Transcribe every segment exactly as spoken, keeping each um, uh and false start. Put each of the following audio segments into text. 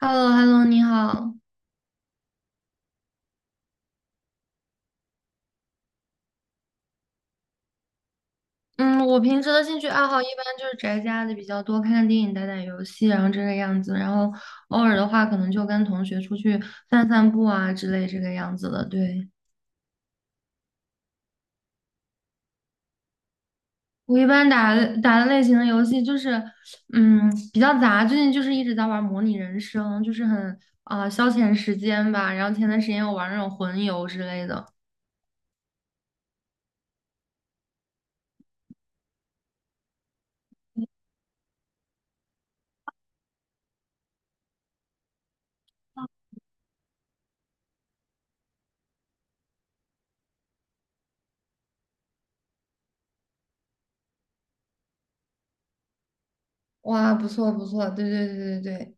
h e l l o h e l l o 你好。嗯，我平时的兴趣爱好一般就是宅家的比较多，看看电影、打打游戏，然后这个样子。然后偶尔的话，可能就跟同学出去散散步啊之类这个样子的。对，我一般打的打的类型的游戏就是，嗯，比较杂。最近就是一直在玩模拟人生，就是很啊、消遣时间吧。然后前段时间我玩那种魂游之类的，哇，不错不错，对对对对对。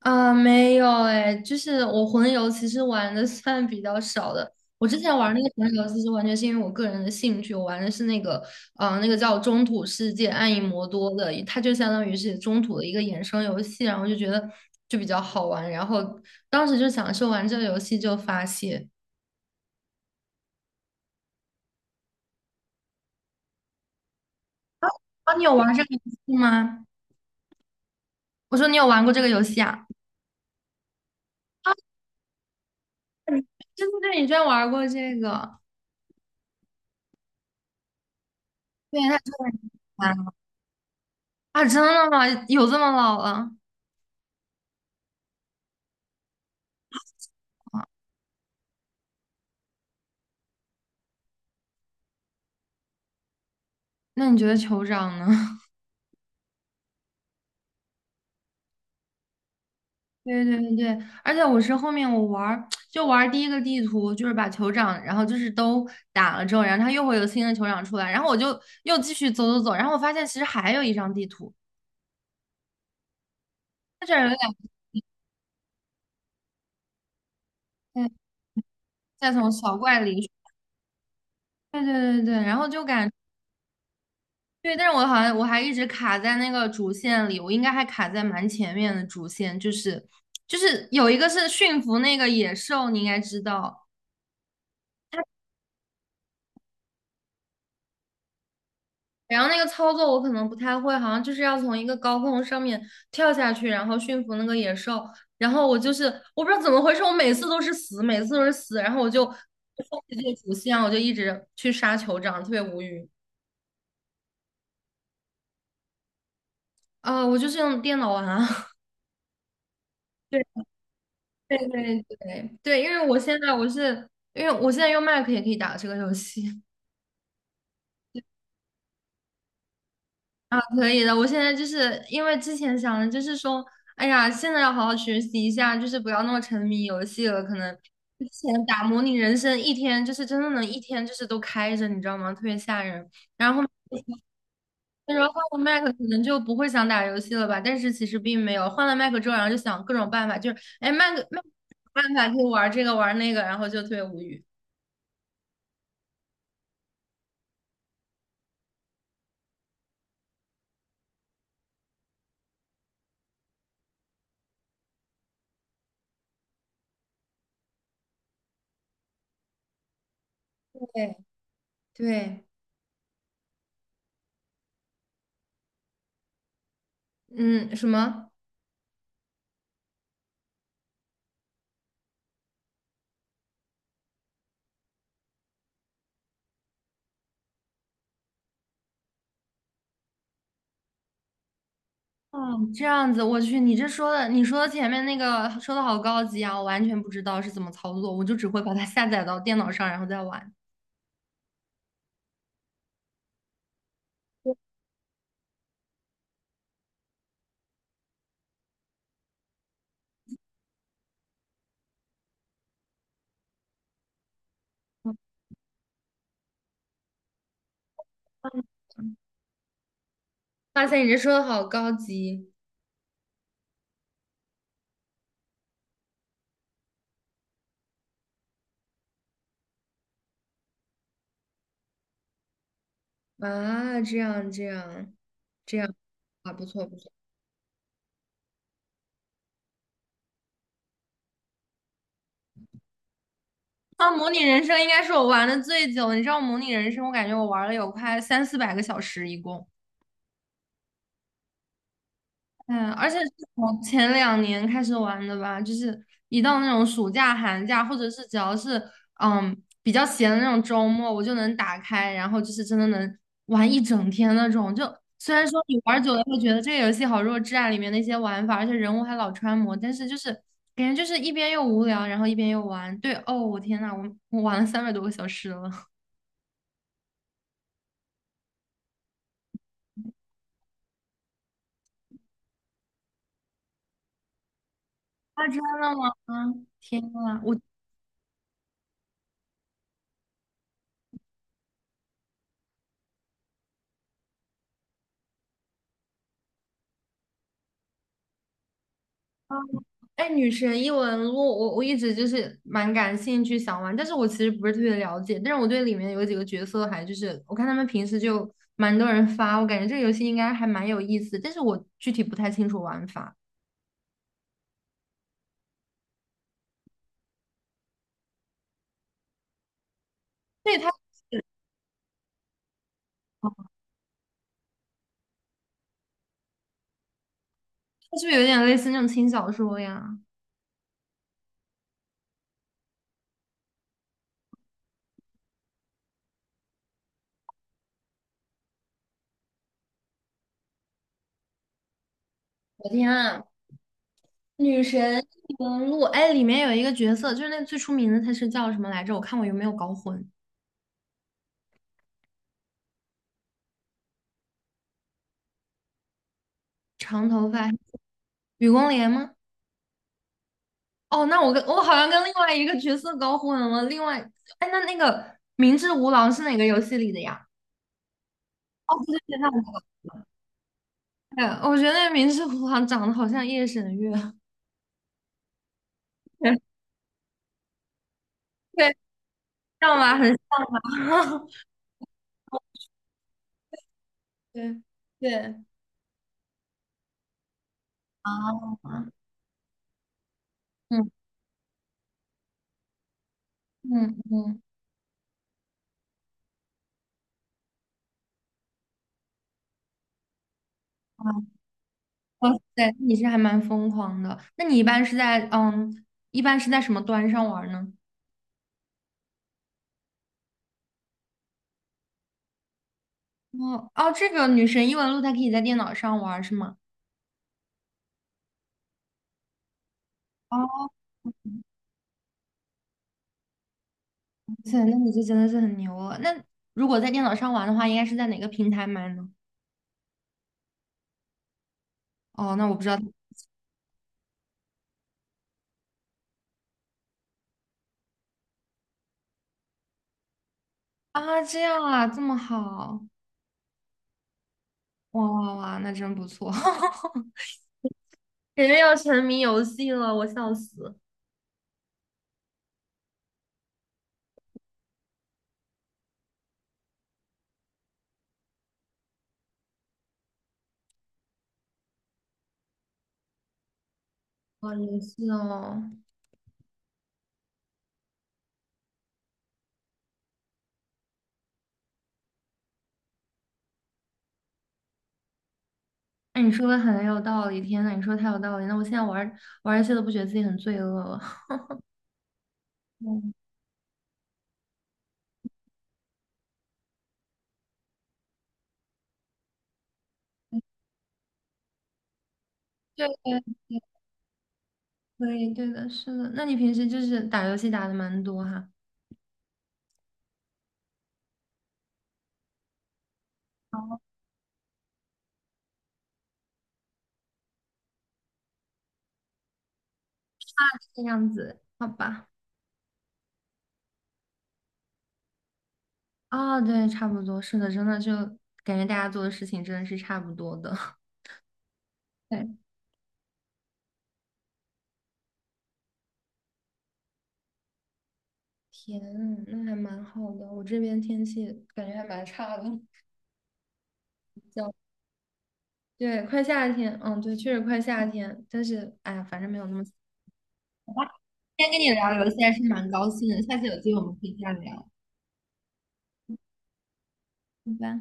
啊，没有哎，就是我魂游其实玩的算比较少的。我之前玩那个魂游，其实完全是因为我个人的兴趣，我玩的是那个，呃，那个叫《中土世界：暗影魔多》的，它就相当于是中土的一个衍生游戏，然后就觉得就比较好玩，然后当时就享受玩这个游戏就发泄。啊，你有玩这个游戏吗？我说你有玩过这个游戏啊？对对对，你居然玩过这个？对，那就玩啊，真的吗？有这么老了？啊，那你觉得酋长呢？对对对对，而且我是后面我玩儿就玩儿第一个地图，就是把酋长，然后就是都打了之后，然后他又会有新的酋长出来，然后我就又继续走走走，然后我发现其实还有一张地图，它这儿有两再再从小怪里，对对对对，然后就感对，但是我好像我还一直卡在那个主线里，我应该还卡在蛮前面的主线，就是就是有一个是驯服那个野兽，你应该知道。然后那个操作我可能不太会，好像就是要从一个高空上面跳下去，然后驯服那个野兽。然后我就是我不知道怎么回事，我每次都是死，每次都是死。然后我就放弃这个主线，我就一直去杀酋长，特别无语。啊、我就是用电脑玩啊。对对对对对，因为我现在我是因为我现在用 Mac 也可以打这个游戏。啊，可以的。我现在就是因为之前想的就是说，哎呀，现在要好好学习一下，就是不要那么沉迷游戏了。可能之前打模拟人生一天，就是真的能一天就是都开着，你知道吗？特别吓人。然后后面那时候换了 Mac,可能就不会想打游戏了吧？但是其实并没有，换了 Mac 之后，然后就想各种办法，就是哎，Mac Mac 办法可以玩这个玩那个，然后就特别无语。对对，嗯，什么？嗯，这样子，我去，你这说的，你说的前面那个说的好高级啊，我完全不知道是怎么操作，我就只会把它下载到电脑上，然后再玩。哇塞，你这说的好高级啊！这样这样这样啊，不错不错。啊，模拟人生应该是我玩的最久，你知道模拟人生，我感觉我玩了有快三四百个小时一共。嗯，而且是从前两年开始玩的吧，就是一到那种暑假、寒假，或者是只要是嗯比较闲的那种周末，我就能打开，然后就是真的能玩一整天那种。就虽然说你玩久了会觉得这个游戏好弱智啊，里面的一些玩法，而且人物还老穿模，但是就是感觉就是一边又无聊，然后一边又玩。对，哦，我天呐，我我玩了三百多个小时了。啊，真的吗？天呐，我。哎，女神异闻录，我我一直就是蛮感兴趣想玩，但是我其实不是特别了解，但是我对里面有几个角色还就是我看他们平时就蛮多人发，我感觉这个游戏应该还蛮有意思，但是我具体不太清楚玩法。对，它它是不是有点类似那种轻小说呀？我天啊，女神异闻录，哎，里面有一个角色就是那最出名的，他是叫什么来着？我看我有没有搞混，长头发，雨宫莲吗？哦，那我跟我好像跟另外一个角色搞混了。另外，哎，那那个明智无郎是哪个游戏里的呀？哦，对对对，那我对，我觉得那个明智无郎长得好像夜神月，对，对像吧，很像吧，对对啊，嗯嗯嗯，啊，哇塞，你是还蛮疯狂的。那你一般是在嗯，一般是在什么端上玩呢？哦哦，这个女神异闻录它可以在电脑上玩是吗？哦塞，那你就真的是很牛了。那如果在电脑上玩的话，应该是在哪个平台买呢？哦，那我不知道啊，这样啊，这么好，哇哇哇，那真不错，哈哈，感觉要沉迷游戏了，我笑死。哇，游戏哦，那你说的很有道理，天呐，你说的太有道理，那我现在玩儿玩儿游戏都不觉得自己很罪恶了。嗯，对对对对的，是的。那你平时就是打游戏打的蛮多哈，这样子，好吧。啊，对，差不多，是的，真的就感觉大家做的事情真的是差不多的。对，天呐那还蛮好的。我这边天气感觉还蛮差的。对，快夏天，嗯，对，确实快夏天，但是哎呀，反正没有那么，今天跟你聊游戏还是蛮高兴的，下次有机会我们可以再聊。拜拜。